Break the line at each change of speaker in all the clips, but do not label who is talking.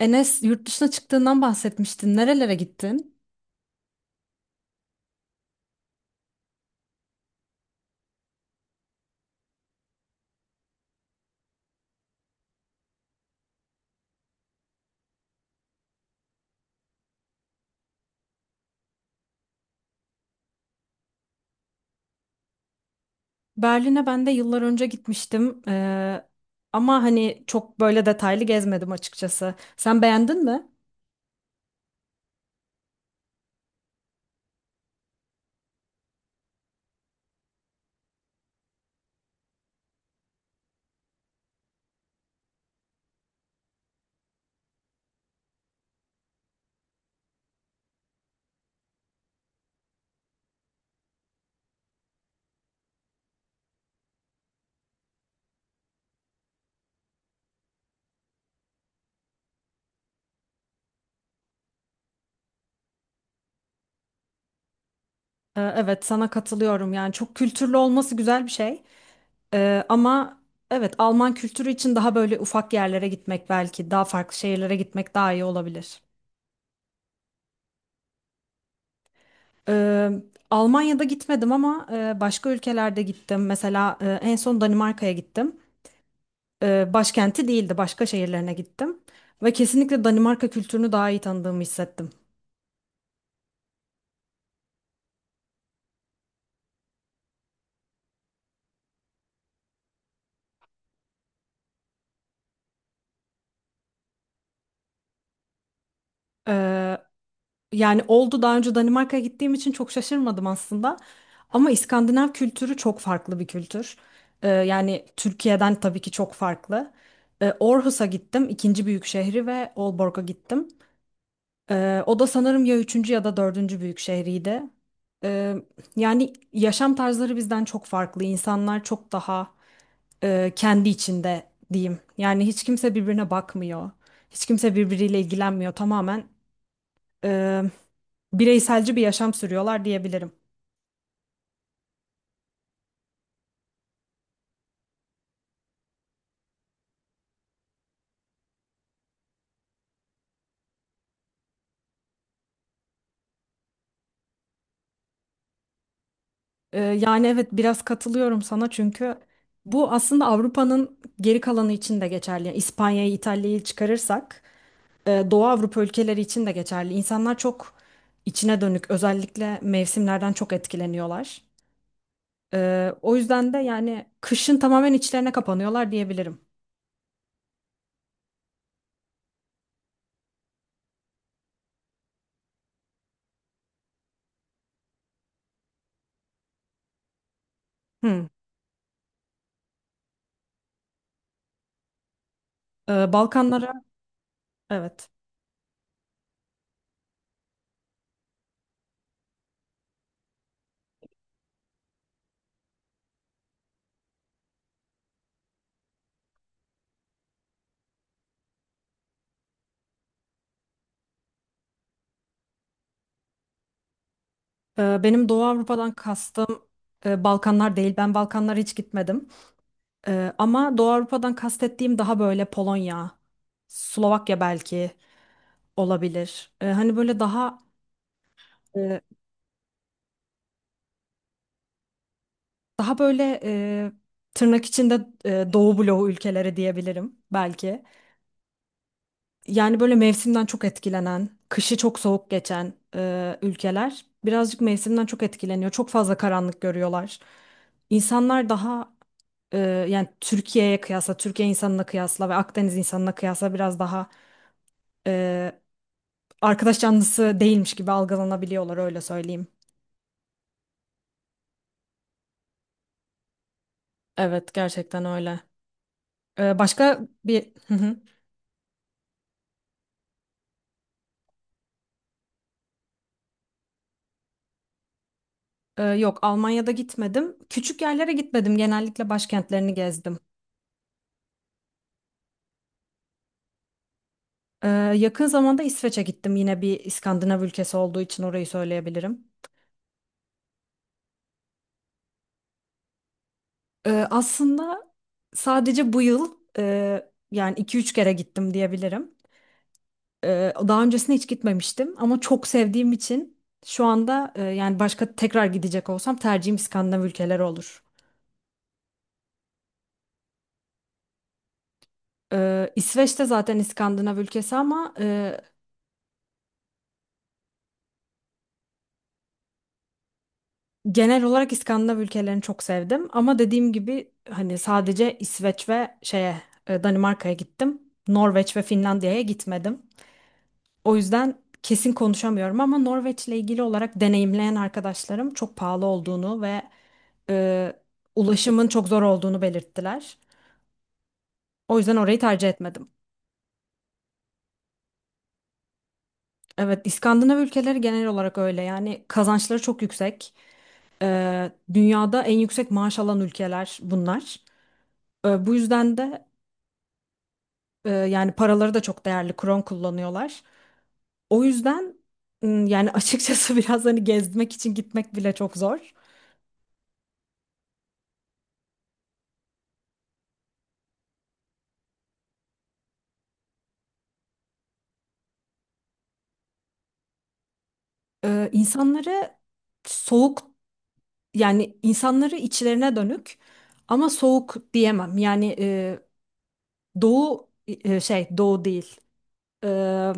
Enes yurt dışına çıktığından bahsetmiştin. Nerelere gittin? Berlin'e ben de yıllar önce gitmiştim. Ama hani çok böyle detaylı gezmedim açıkçası. Sen beğendin mi? Evet sana katılıyorum. Yani çok kültürlü olması güzel bir şey. Ama evet Alman kültürü için daha böyle ufak yerlere gitmek belki daha farklı şehirlere gitmek daha iyi olabilir. Ee, Almanya'da gitmedim ama başka ülkelerde gittim. Mesela en son Danimarka'ya gittim. E, başkenti değildi. Başka şehirlerine gittim. Ve kesinlikle Danimarka kültürünü daha iyi tanıdığımı hissettim. Ee, Yani oldu daha önce Danimarka'ya gittiğim için çok şaşırmadım aslında. Ama İskandinav kültürü çok farklı bir kültür. Yani Türkiye'den tabii ki çok farklı. Aarhus'a gittim, ikinci büyük şehri ve Aalborg'a gittim. O da sanırım ya üçüncü ya da dördüncü büyük şehriydi. Ee, Yani yaşam tarzları bizden çok farklı. İnsanlar çok daha kendi içinde diyeyim. Yani hiç kimse birbirine bakmıyor. Hiç kimse birbiriyle ilgilenmiyor. Tamamen e, bireyselci bir yaşam sürüyorlar diyebilirim. Yani evet biraz katılıyorum sana çünkü bu aslında Avrupa'nın geri kalanı için de geçerli. Yani İspanya'yı, İtalya'yı çıkarırsak Doğu Avrupa ülkeleri için de geçerli. İnsanlar çok içine dönük, özellikle mevsimlerden çok etkileniyorlar. O yüzden de yani kışın tamamen içlerine kapanıyorlar diyebilirim. Hı. Balkanlara evet. Benim Doğu Avrupa'dan kastım Balkanlar değil. Ben Balkanlara hiç gitmedim. Ama Doğu Avrupa'dan kastettiğim daha böyle Polonya, Slovakya belki olabilir. Hani böyle daha e, Daha böyle tırnak içinde Doğu bloğu ülkeleri diyebilirim belki. Yani böyle mevsimden çok etkilenen, kışı çok soğuk geçen ülkeler birazcık mevsimden çok etkileniyor. Çok fazla karanlık görüyorlar. İnsanlar daha yani Türkiye'ye kıyasla, Türkiye insanına kıyasla ve Akdeniz insanına kıyasla biraz daha e, arkadaş canlısı değilmiş gibi algılanabiliyorlar öyle söyleyeyim. Evet gerçekten öyle. Başka bir... Yok Almanya'da gitmedim. Küçük yerlere gitmedim. Genellikle başkentlerini gezdim. Ee, Yakın zamanda İsveç'e gittim. Yine bir İskandinav ülkesi olduğu için orayı söyleyebilirim. Aslında sadece bu yıl yani iki üç kere gittim diyebilirim. Daha öncesine hiç gitmemiştim ama çok sevdiğim için şu anda yani başka tekrar gidecek olsam tercihim İskandinav ülkeleri olur. İsveç de zaten İskandinav ülkesi ama genel olarak İskandinav ülkelerini çok sevdim ama dediğim gibi hani sadece İsveç ve şeye Danimarka'ya gittim. Norveç ve Finlandiya'ya gitmedim. O yüzden kesin konuşamıyorum ama Norveç'le ilgili olarak deneyimleyen arkadaşlarım çok pahalı olduğunu ve e, ulaşımın çok zor olduğunu belirttiler. O yüzden orayı tercih etmedim. Evet, İskandinav ülkeleri genel olarak öyle. Yani kazançları çok yüksek. Dünyada en yüksek maaş alan ülkeler bunlar. Bu yüzden de yani paraları da çok değerli kron kullanıyorlar. O yüzden yani açıkçası biraz hani gezmek için gitmek bile çok zor. İnsanları soğuk yani insanları içlerine dönük ama soğuk diyemem. Yani doğu şey doğu değil. Ee,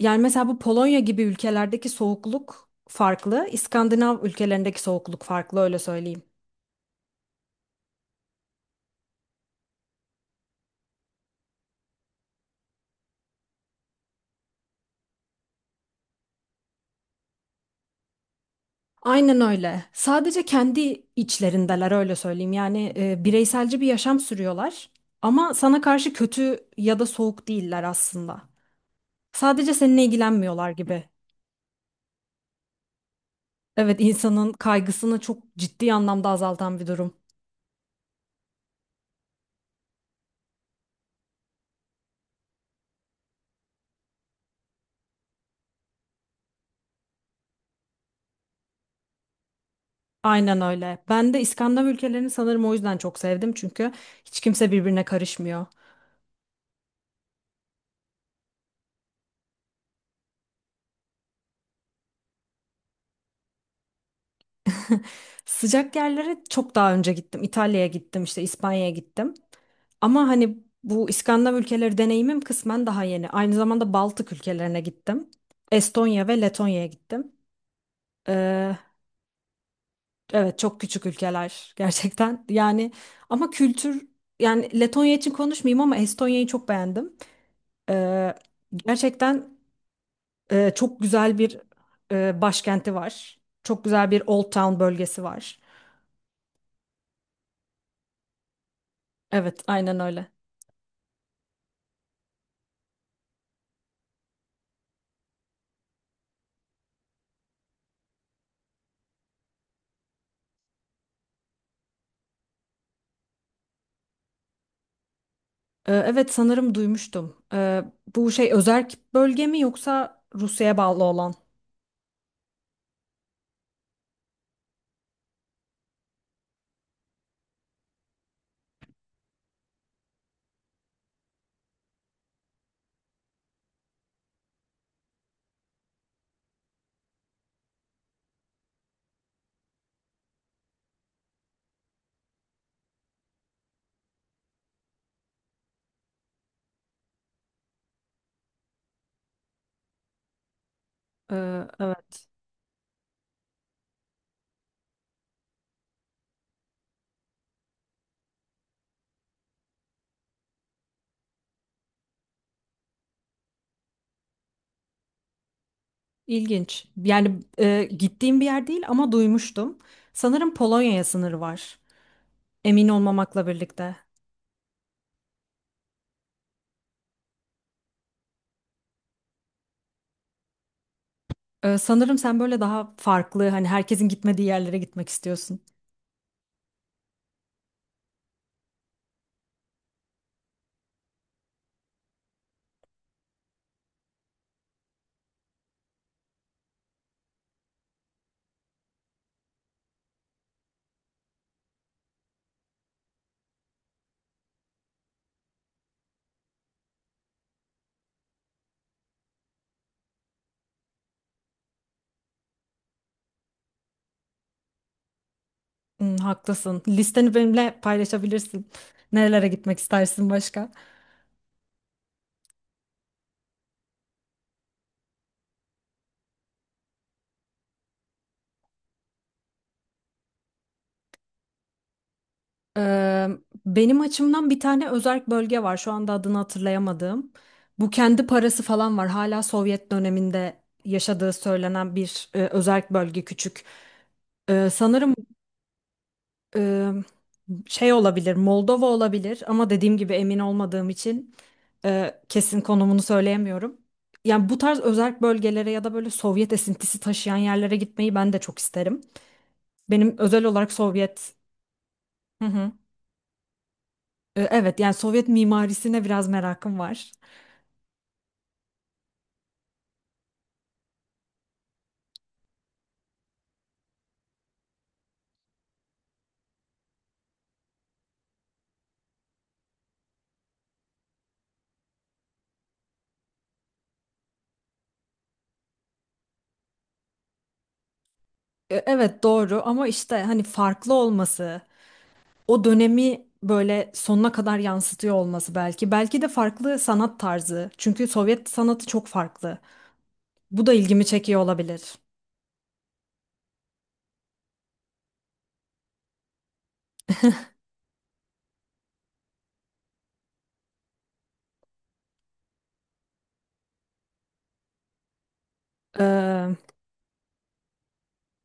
Yani mesela bu Polonya gibi ülkelerdeki soğukluk farklı. İskandinav ülkelerindeki soğukluk farklı öyle söyleyeyim. Aynen öyle. Sadece kendi içlerindeler öyle söyleyeyim. Yani bireyselci bir yaşam sürüyorlar ama sana karşı kötü ya da soğuk değiller aslında. Sadece seninle ilgilenmiyorlar gibi. Evet, insanın kaygısını çok ciddi anlamda azaltan bir durum. Aynen öyle. Ben de İskandinav ülkelerini sanırım o yüzden çok sevdim çünkü hiç kimse birbirine karışmıyor. Sıcak yerlere çok daha önce gittim. İtalya'ya gittim, işte İspanya'ya gittim. Ama hani bu İskandinav ülkeleri deneyimim kısmen daha yeni. Aynı zamanda Baltık ülkelerine gittim. Estonya ve Letonya'ya gittim. Ee, evet çok küçük ülkeler gerçekten. Yani ama kültür yani Letonya için konuşmayayım ama Estonya'yı çok beğendim. Ee, Gerçekten çok güzel bir başkenti var. Çok güzel bir Old Town bölgesi var. Evet aynen öyle. Evet sanırım duymuştum. Bu şey özerk bölge mi yoksa Rusya'ya bağlı olan? Evet, ilginç. Yani gittiğim bir yer değil ama duymuştum. Sanırım Polonya'ya sınırı var. Emin olmamakla birlikte. Sanırım sen böyle daha farklı, hani herkesin gitmediği yerlere gitmek istiyorsun. Hmm, haklısın. Listeni benimle paylaşabilirsin. Nerelere gitmek istersin başka? Eee, Benim açımdan bir tane özerk bölge var. Şu anda adını hatırlayamadığım. Bu kendi parası falan var. Hala Sovyet döneminde yaşadığı söylenen bir özerk bölge küçük. Sanırım eee, şey olabilir, Moldova olabilir ama dediğim gibi emin olmadığım için kesin konumunu söyleyemiyorum. Yani bu tarz özerk bölgelere ya da böyle Sovyet esintisi taşıyan yerlere gitmeyi ben de çok isterim. Benim özel olarak Sovyet. Hı hı. Evet yani Sovyet mimarisine biraz merakım var. Evet doğru ama işte hani farklı olması, o dönemi böyle sonuna kadar yansıtıyor olması belki. Belki de farklı sanat tarzı. Çünkü Sovyet sanatı çok farklı. Bu da ilgimi çekiyor olabilir. E,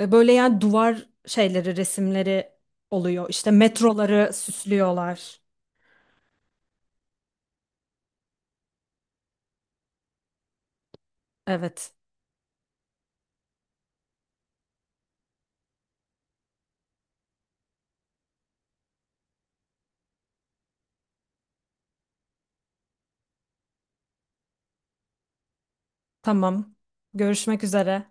böyle yani duvar şeyleri, resimleri oluyor. İşte metroları süslüyorlar. Evet. Tamam. Görüşmek üzere.